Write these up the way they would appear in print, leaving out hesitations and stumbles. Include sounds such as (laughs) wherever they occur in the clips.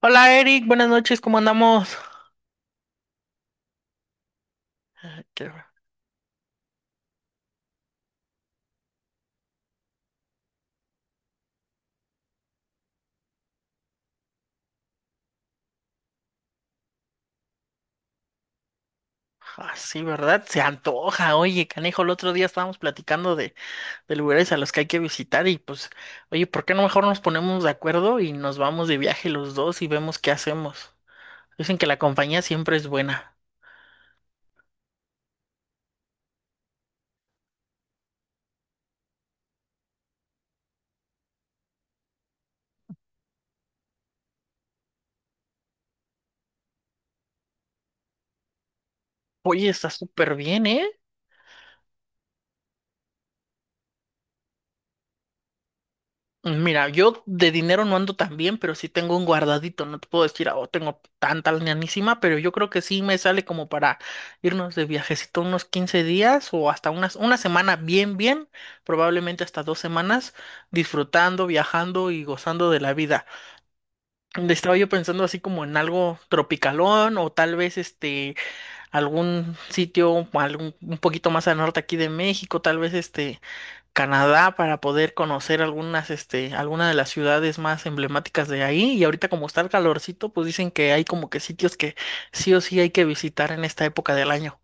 Hola Eric, buenas noches, ¿cómo andamos? Qué- Ah, sí, ¿verdad? Se antoja. Oye, canejo, el otro día estábamos platicando de lugares a los que hay que visitar y pues, oye, ¿por qué no mejor nos ponemos de acuerdo y nos vamos de viaje los dos y vemos qué hacemos? Dicen que la compañía siempre es buena. Oye, está súper bien, ¿eh? Mira, yo de dinero no ando tan bien, pero sí tengo un guardadito. No te puedo decir, oh, tengo tanta lanísima, pero yo creo que sí me sale como para irnos de viajecito unos 15 días o hasta una semana bien, bien, probablemente hasta 2 semanas, disfrutando, viajando y gozando de la vida. Estaba yo pensando así como en algo tropicalón o tal vez este algún sitio, algún un poquito más al norte aquí de México, tal vez este. Canadá para poder conocer algunas, este, algunas de las ciudades más emblemáticas de ahí. Y ahorita como está el calorcito, pues dicen que hay como que sitios que sí o sí hay que visitar en esta época del año.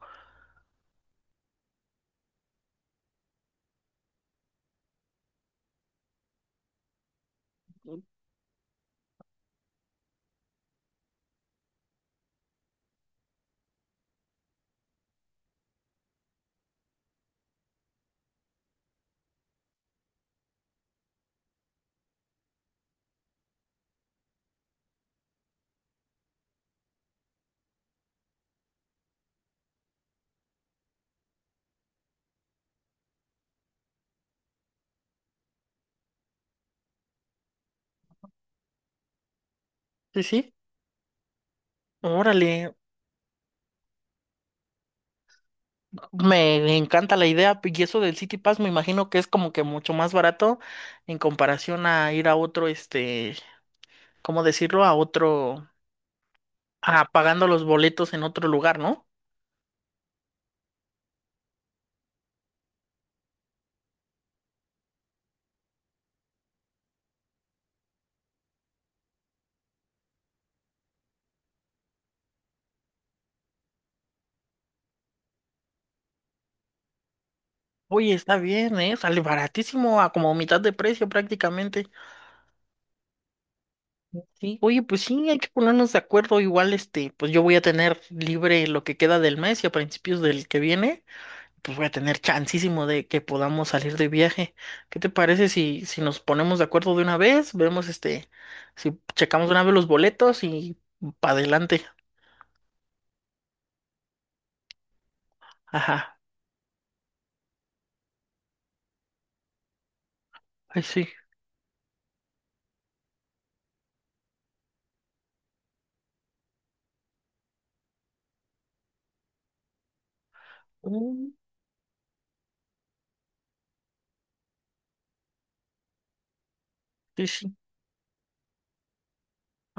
Sí, sí. Órale, me encanta la idea y eso del City Pass me imagino que es como que mucho más barato en comparación a ir a otro, este, ¿cómo decirlo? A otro, a pagando los boletos en otro lugar, ¿no? Oye, está bien, ¿eh? Sale baratísimo, a como mitad de precio prácticamente. Sí, oye, pues sí, hay que ponernos de acuerdo. Igual, este, pues yo voy a tener libre lo que queda del mes y a principios del que viene, pues voy a tener chancísimo de que podamos salir de viaje. ¿Qué te parece si nos ponemos de acuerdo de una vez? Vemos, este, si checamos de una vez los boletos y para adelante. Ajá, ay, sí. Mm. Sí, sí.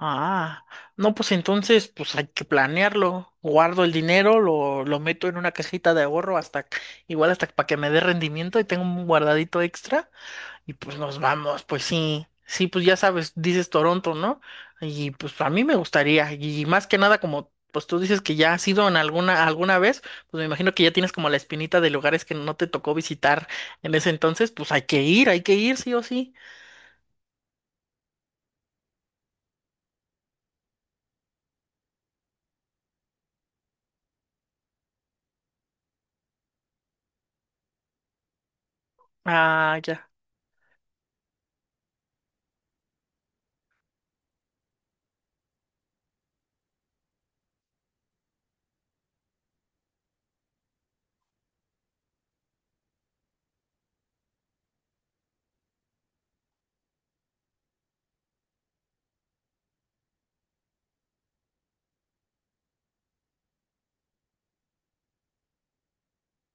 Ah, no, pues entonces, pues hay que planearlo. Guardo el dinero, lo meto en una cajita de ahorro igual hasta para que me dé rendimiento y tengo un guardadito extra y pues nos vamos, pues sí, sí, pues ya sabes, dices Toronto, ¿no? Y pues a mí me gustaría y más que nada como, pues tú dices que ya has ido en alguna vez, pues me imagino que ya tienes como la espinita de lugares que no te tocó visitar en ese entonces, pues hay que ir sí o sí. Ah, ya.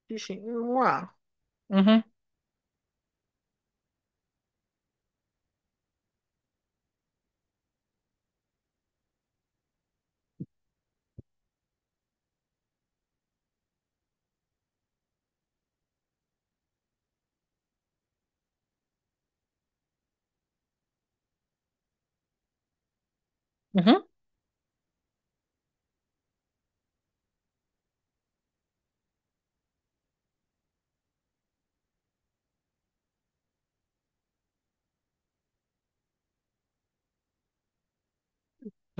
Sí, sí. Wow.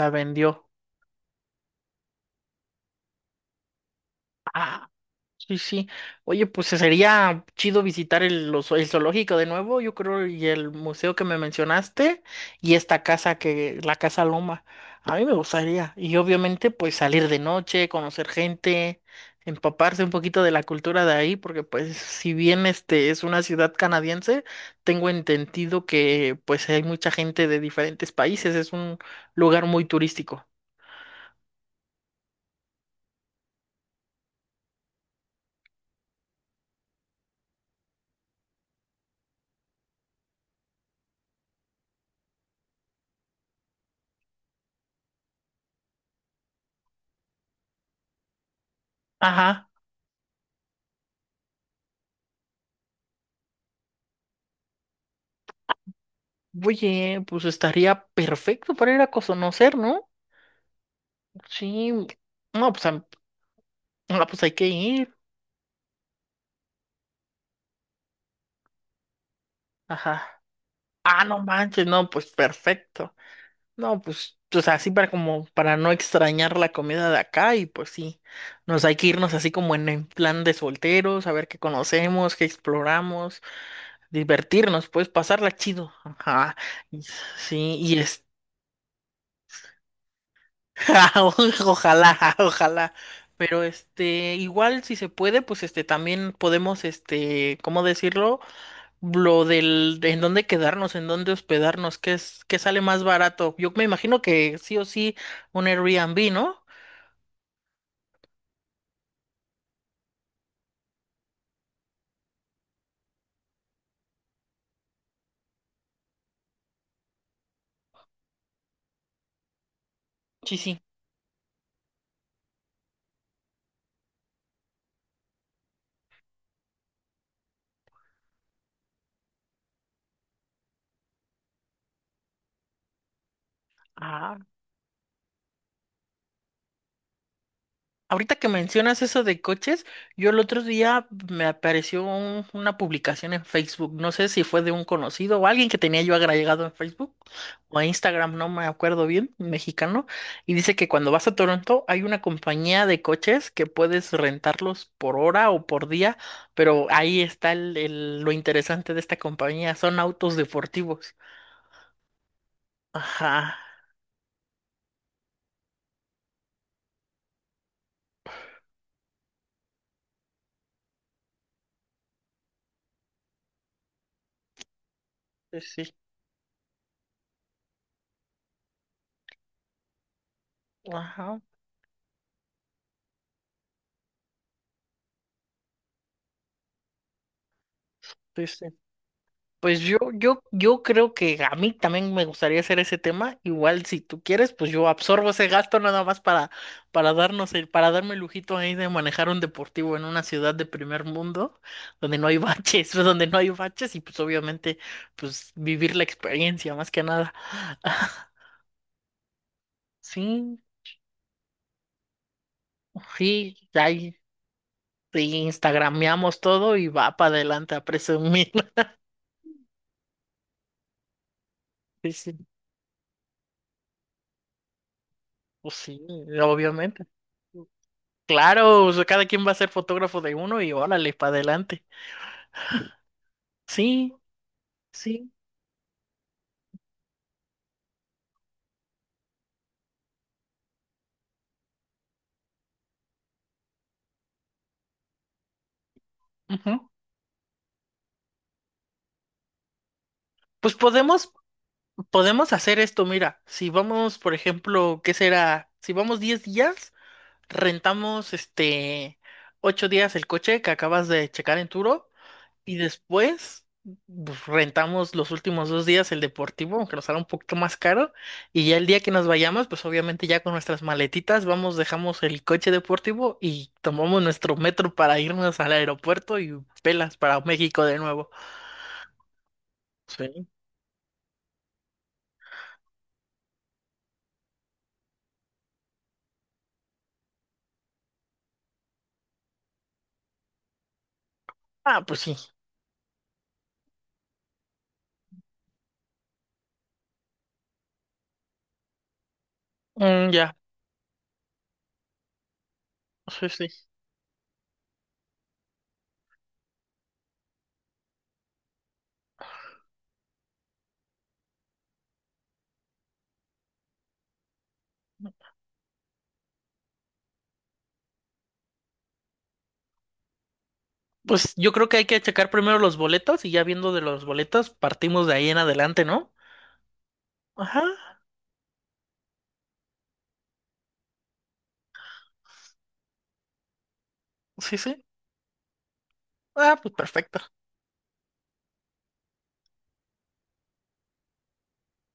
La vendió. Ah, sí, sí. Oye, pues sería chido visitar el zoológico de nuevo, yo creo, y el museo que me mencionaste, y esta casa la Casa Loma. A mí me gustaría. Y obviamente, pues salir de noche, conocer gente, empaparse un poquito de la cultura de ahí, porque pues si bien este es una ciudad canadiense, tengo entendido que pues hay mucha gente de diferentes países, es un lugar muy turístico. Ajá. Oye, pues estaría perfecto para ir a conocer, ¿no? Sí, no, pues, no, pues hay que ir. Ajá. Ah, no manches, no, pues perfecto. No, pues, o sea, así para como, para no extrañar la comida de acá y pues sí, nos hay que irnos así como en plan de solteros, a ver qué conocemos, qué exploramos, divertirnos, pues pasarla chido. Ajá. Y- Sí, y este. (laughs) Ojalá, ojalá. Pero este, igual si se puede, pues este, también podemos, este, ¿cómo decirlo? De en dónde quedarnos, en dónde hospedarnos, qué es, qué sale más barato. Yo me imagino que sí o sí un Airbnb, ¿no? Sí, sí. Ah, ahorita que mencionas eso de coches, yo el otro día me apareció una publicación en Facebook, no sé si fue de un conocido o alguien que tenía yo agregado en Facebook o en Instagram, no me acuerdo bien, mexicano, y dice que cuando vas a Toronto hay una compañía de coches que puedes rentarlos por hora o por día, pero ahí está lo interesante de esta compañía, son autos deportivos. Ajá, sí, sí, ajá, sí, sí. Pues yo creo que a mí también me gustaría hacer ese tema. Igual si tú quieres, pues yo absorbo ese gasto nada más para, para darme el lujito ahí de manejar un deportivo en una ciudad de primer mundo, donde no hay baches, (laughs) donde no hay baches, y pues obviamente, pues vivir la experiencia más que nada. (laughs) Sí, sí, ahí sí, instagrameamos todo y va para adelante a presumir. (laughs) Sí, sí, pues sí, obviamente. Claro, o sea, cada quien va a ser fotógrafo de uno y órale, para adelante. Sí, sí, ujú. Pues podemos, podemos hacer esto, mira, si vamos, por ejemplo, ¿qué será? Si vamos 10 días, rentamos este 8 días el coche que acabas de checar en Turo. Y después pues, rentamos los últimos 2 días el deportivo, aunque nos sale un poquito más caro. Y ya el día que nos vayamos, pues obviamente ya con nuestras maletitas vamos, dejamos el coche deportivo y tomamos nuestro metro para irnos al aeropuerto y pelas para México de nuevo. Sí. Ah, pues sí. Mm, ya. Sí, sí. Pues yo creo que hay que checar primero los boletos y ya viendo de los boletos partimos de ahí en adelante, ¿no? Ajá. Sí, sí. Ah, pues perfecto.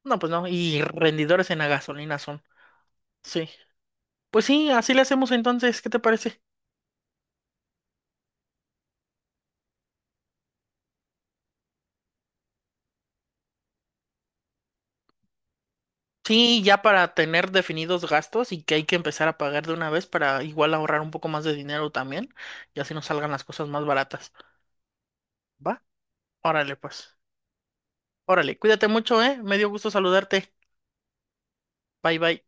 No, pues no. Y rendidores en la gasolina son. Sí. Pues sí, así le hacemos entonces, ¿qué te parece? Sí, ya para tener definidos gastos y que hay que empezar a pagar de una vez para igual ahorrar un poco más de dinero también, y así nos salgan las cosas más baratas. ¿Va? Órale, pues. Órale, cuídate mucho, ¿eh? Me dio gusto saludarte. Bye, bye.